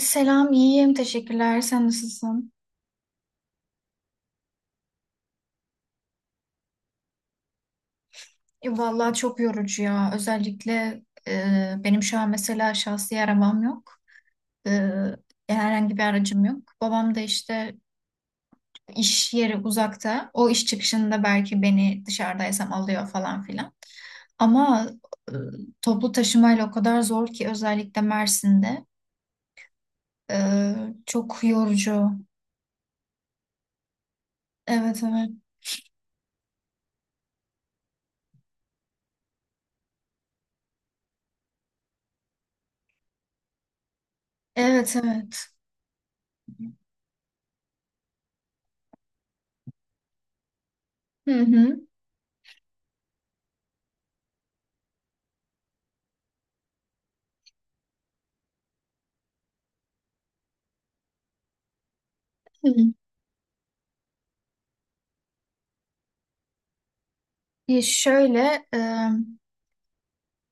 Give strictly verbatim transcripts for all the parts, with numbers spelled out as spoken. Selam, iyiyim. Teşekkürler. Sen nasılsın? E, vallahi çok yorucu ya. Özellikle e, benim şu an mesela şahsi arabam yok. E, yani herhangi bir aracım yok. Babam da işte iş yeri uzakta. O iş çıkışında belki beni dışarıdaysam alıyor falan filan. Ama e, toplu taşımayla o kadar zor ki özellikle Mersin'de. E, Çok yorucu. Evet, evet. Evet, evet. Hı hı. Hı. E, şöyle... E,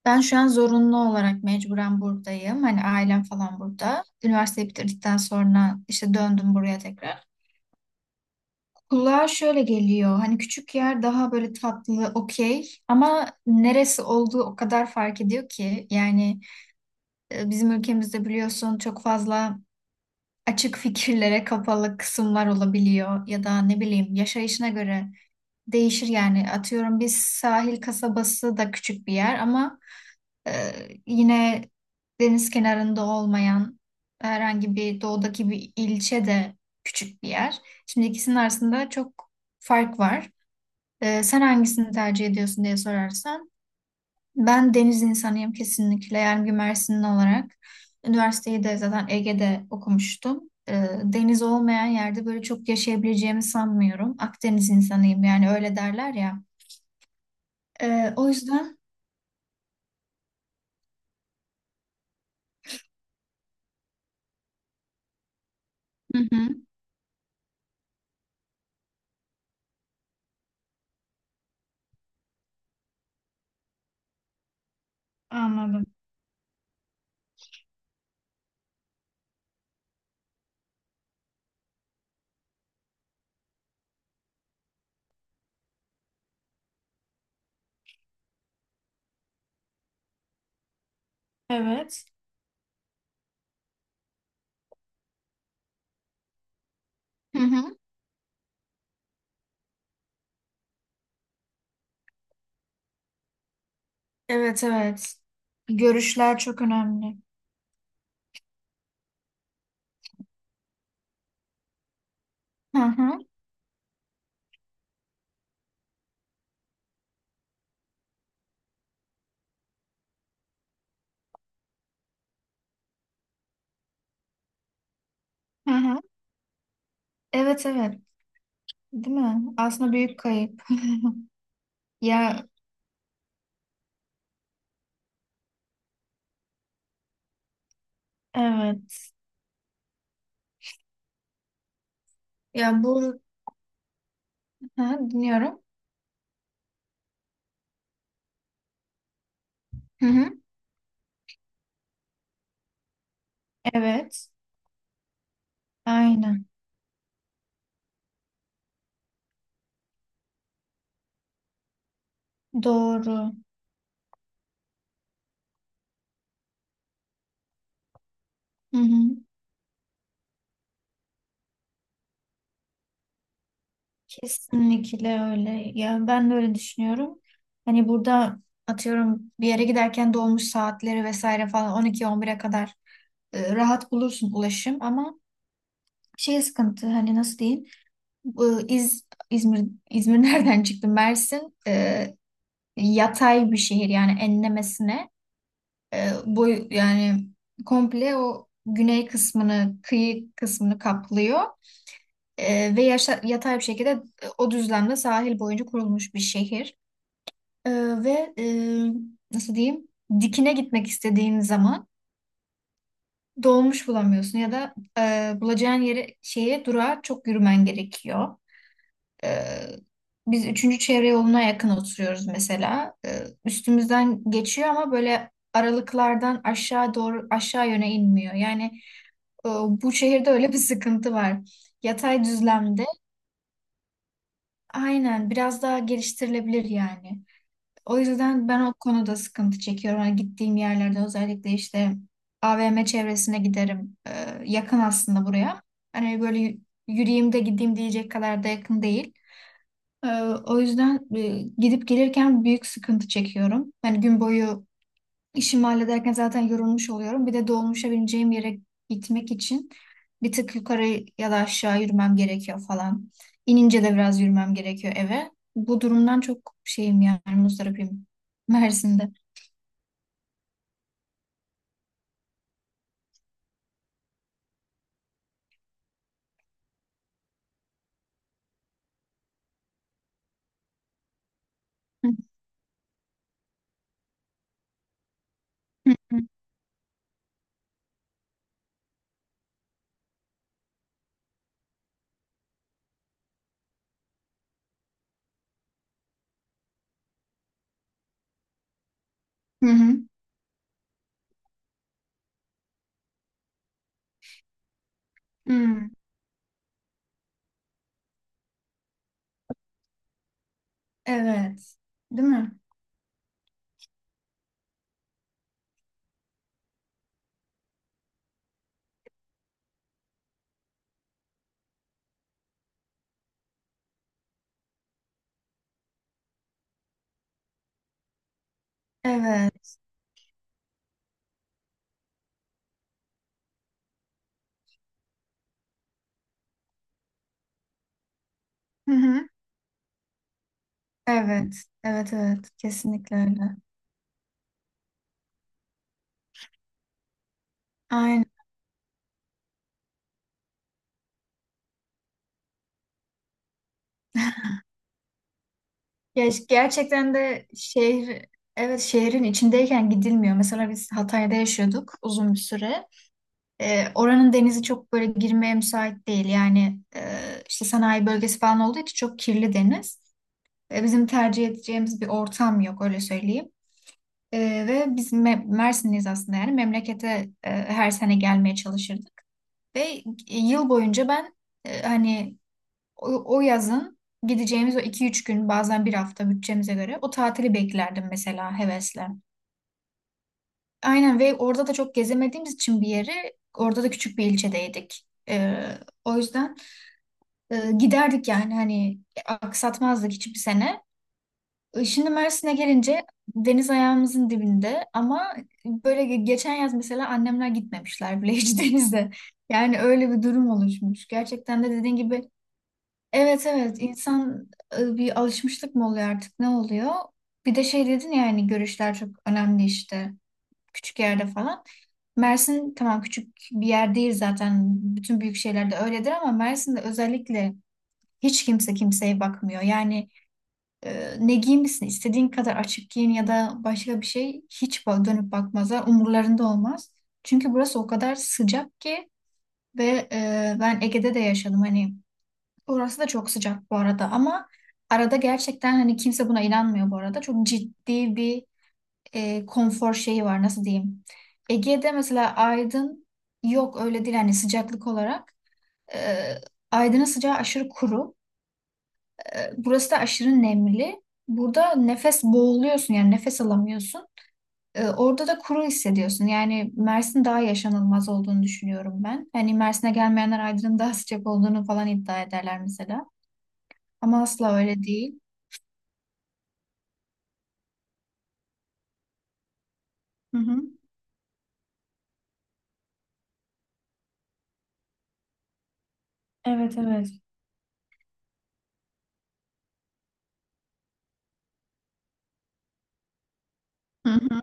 Ben şu an zorunlu olarak mecburen buradayım. Hani ailem falan burada. Üniversiteyi bitirdikten sonra işte döndüm buraya tekrar. Kulağa şöyle geliyor. Hani küçük yer daha böyle tatlı, okey. Ama neresi olduğu o kadar fark ediyor ki. Yani e, bizim ülkemizde biliyorsun çok fazla açık fikirlere kapalı kısımlar olabiliyor. Ya da ne bileyim yaşayışına göre değişir yani. Atıyorum biz sahil kasabası da küçük bir yer ama Ee, yine deniz kenarında olmayan herhangi bir doğudaki bir ilçe de küçük bir yer. Şimdi ikisinin arasında çok fark var. Ee, sen hangisini tercih ediyorsun diye sorarsan ben deniz insanıyım kesinlikle. Yani bir Mersinli olarak üniversiteyi de zaten Ege'de okumuştum. Ee, deniz olmayan yerde böyle çok yaşayabileceğimi sanmıyorum. Akdeniz insanıyım yani öyle derler ya. Ee, o yüzden... Hı hı. Anladım. Evet. Evet, evet. Görüşler çok önemli. Hı hı. Hı hı. Evet, evet. Değil mi? Aslında büyük kayıp. Ya, evet. Ya bu ha, dinliyorum. Hı hı. Evet. Aynen. Doğru. Hı hı. Kesinlikle öyle. Ya, ben de öyle düşünüyorum. Hani burada atıyorum bir yere giderken dolmuş saatleri vesaire falan on iki on bire kadar e, rahat bulursun ulaşım ama şey sıkıntı hani nasıl diyeyim? Bu İz, İzmir, İzmir nereden çıktı? Mersin e, yatay bir şehir yani enlemesine e, boy yani komple o güney kısmını, kıyı kısmını kaplıyor. E, ve yaşa- yatay bir şekilde e, o düzlemde sahil boyunca kurulmuş bir şehir. E, Ve e, nasıl diyeyim? Dikine gitmek istediğin zaman dolmuş bulamıyorsun ya da e, bulacağın yere şeye durağa çok yürümen gerekiyor. Ee, Biz üçüncü çevre yoluna yakın oturuyoruz mesela. Ee, üstümüzden geçiyor ama böyle aralıklardan aşağı doğru aşağı yöne inmiyor. Yani e, bu şehirde öyle bir sıkıntı var. Yatay düzlemde aynen biraz daha geliştirilebilir yani. O yüzden ben o konuda sıkıntı çekiyorum. Hani gittiğim yerlerde özellikle işte A V M çevresine giderim. Ee, yakın aslında buraya. Hani böyle y- yürüyeyim de gideyim diyecek kadar da yakın değil. Ee, O yüzden e, gidip gelirken büyük sıkıntı çekiyorum. Yani gün boyu işimi hallederken zaten yorulmuş oluyorum. Bir de dolmuşa bineceğim yere gitmek için bir tık yukarı ya da aşağı yürümem gerekiyor falan. İnince de biraz yürümem gerekiyor eve. Bu durumdan çok şeyim yani muzdaribim Mersin'de. Hı hı. Hı hı. Hı. Evet. Değil mi? Evet. Hı hı. Evet. Evet, evet. Kesinlikle öyle. Aynen. Ya işte gerçekten de şehir, evet, şehrin içindeyken gidilmiyor. Mesela biz Hatay'da yaşıyorduk uzun bir süre. Ee, oranın denizi çok böyle girmeye müsait değil. Yani e, işte sanayi bölgesi falan olduğu için çok kirli deniz. E, bizim tercih edeceğimiz bir ortam yok öyle söyleyeyim. E, Ve biz Me- Mersinliyiz aslında yani memlekete e, her sene gelmeye çalışırdık. Ve e, yıl boyunca ben e, hani o, o yazın gideceğimiz o iki üç gün bazen bir hafta bütçemize göre o tatili beklerdim mesela hevesle. Aynen ve orada da çok gezemediğimiz için bir yeri orada da küçük bir ilçedeydik. Ee, o yüzden e, giderdik yani hani e, aksatmazdık hiçbir sene. E, Şimdi Mersin'e gelince deniz ayağımızın dibinde ama böyle ge- geçen yaz mesela annemler gitmemişler bile hiç denize. Yani öyle bir durum oluşmuş. Gerçekten de dediğin gibi evet, evet, insan e, bir alışmışlık mı oluyor artık ne oluyor? Bir de şey dedin ya hani görüşler çok önemli işte küçük yerde falan. Mersin tamam küçük bir yer değil zaten bütün büyük şeylerde öyledir ama Mersin'de özellikle hiç kimse kimseye bakmıyor. Yani e, ne giymişsin istediğin kadar açık giyin ya da başka bir şey hiç ba- dönüp bakmazlar umurlarında olmaz. Çünkü burası o kadar sıcak ki ve e, ben Ege'de de yaşadım hani orası da çok sıcak bu arada ama arada gerçekten hani kimse buna inanmıyor bu arada. Çok ciddi bir e, konfor şeyi var nasıl diyeyim. Ege'de mesela Aydın yok öyle değil hani sıcaklık olarak. E, Aydın'ın sıcağı aşırı kuru. E, burası da aşırı nemli. Burada nefes boğuluyorsun yani nefes alamıyorsun. E, orada da kuru hissediyorsun. Yani Mersin daha yaşanılmaz olduğunu düşünüyorum ben. Hani Mersin'e gelmeyenler Aydın'ın daha sıcak olduğunu falan iddia ederler mesela. Ama asla öyle değil. Hı hı. Evet, evet. Hı hı.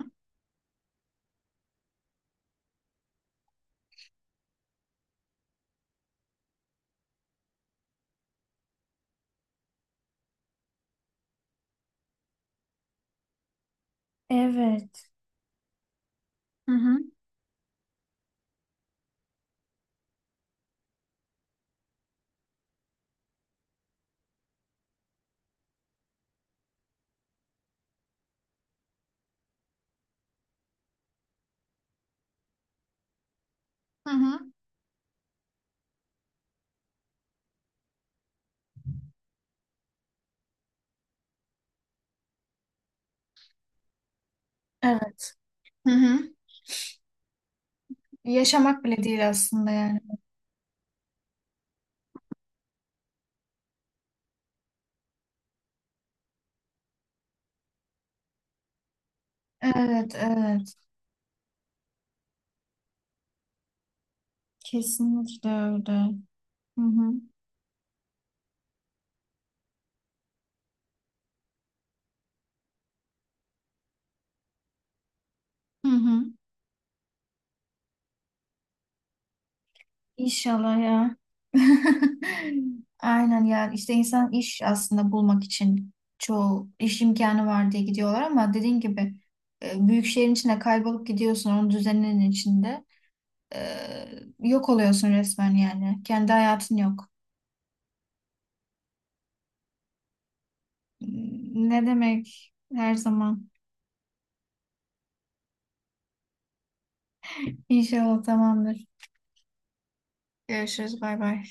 Evet. Hı hı. Hı hı. Evet. Hı hı. Yaşamak bile değil aslında yani. Evet, evet. Kesinlikle öyle. Hı hı. Hı hı. İnşallah ya. Aynen ya işte insan iş aslında bulmak için çoğu iş imkanı var diye gidiyorlar ama dediğin gibi e, büyük şehrin içine kaybolup gidiyorsun onun düzeninin içinde. E, Yok oluyorsun resmen yani kendi hayatın yok. Ne demek her zaman. İnşallah tamamdır. Görüşürüz. Bay bay.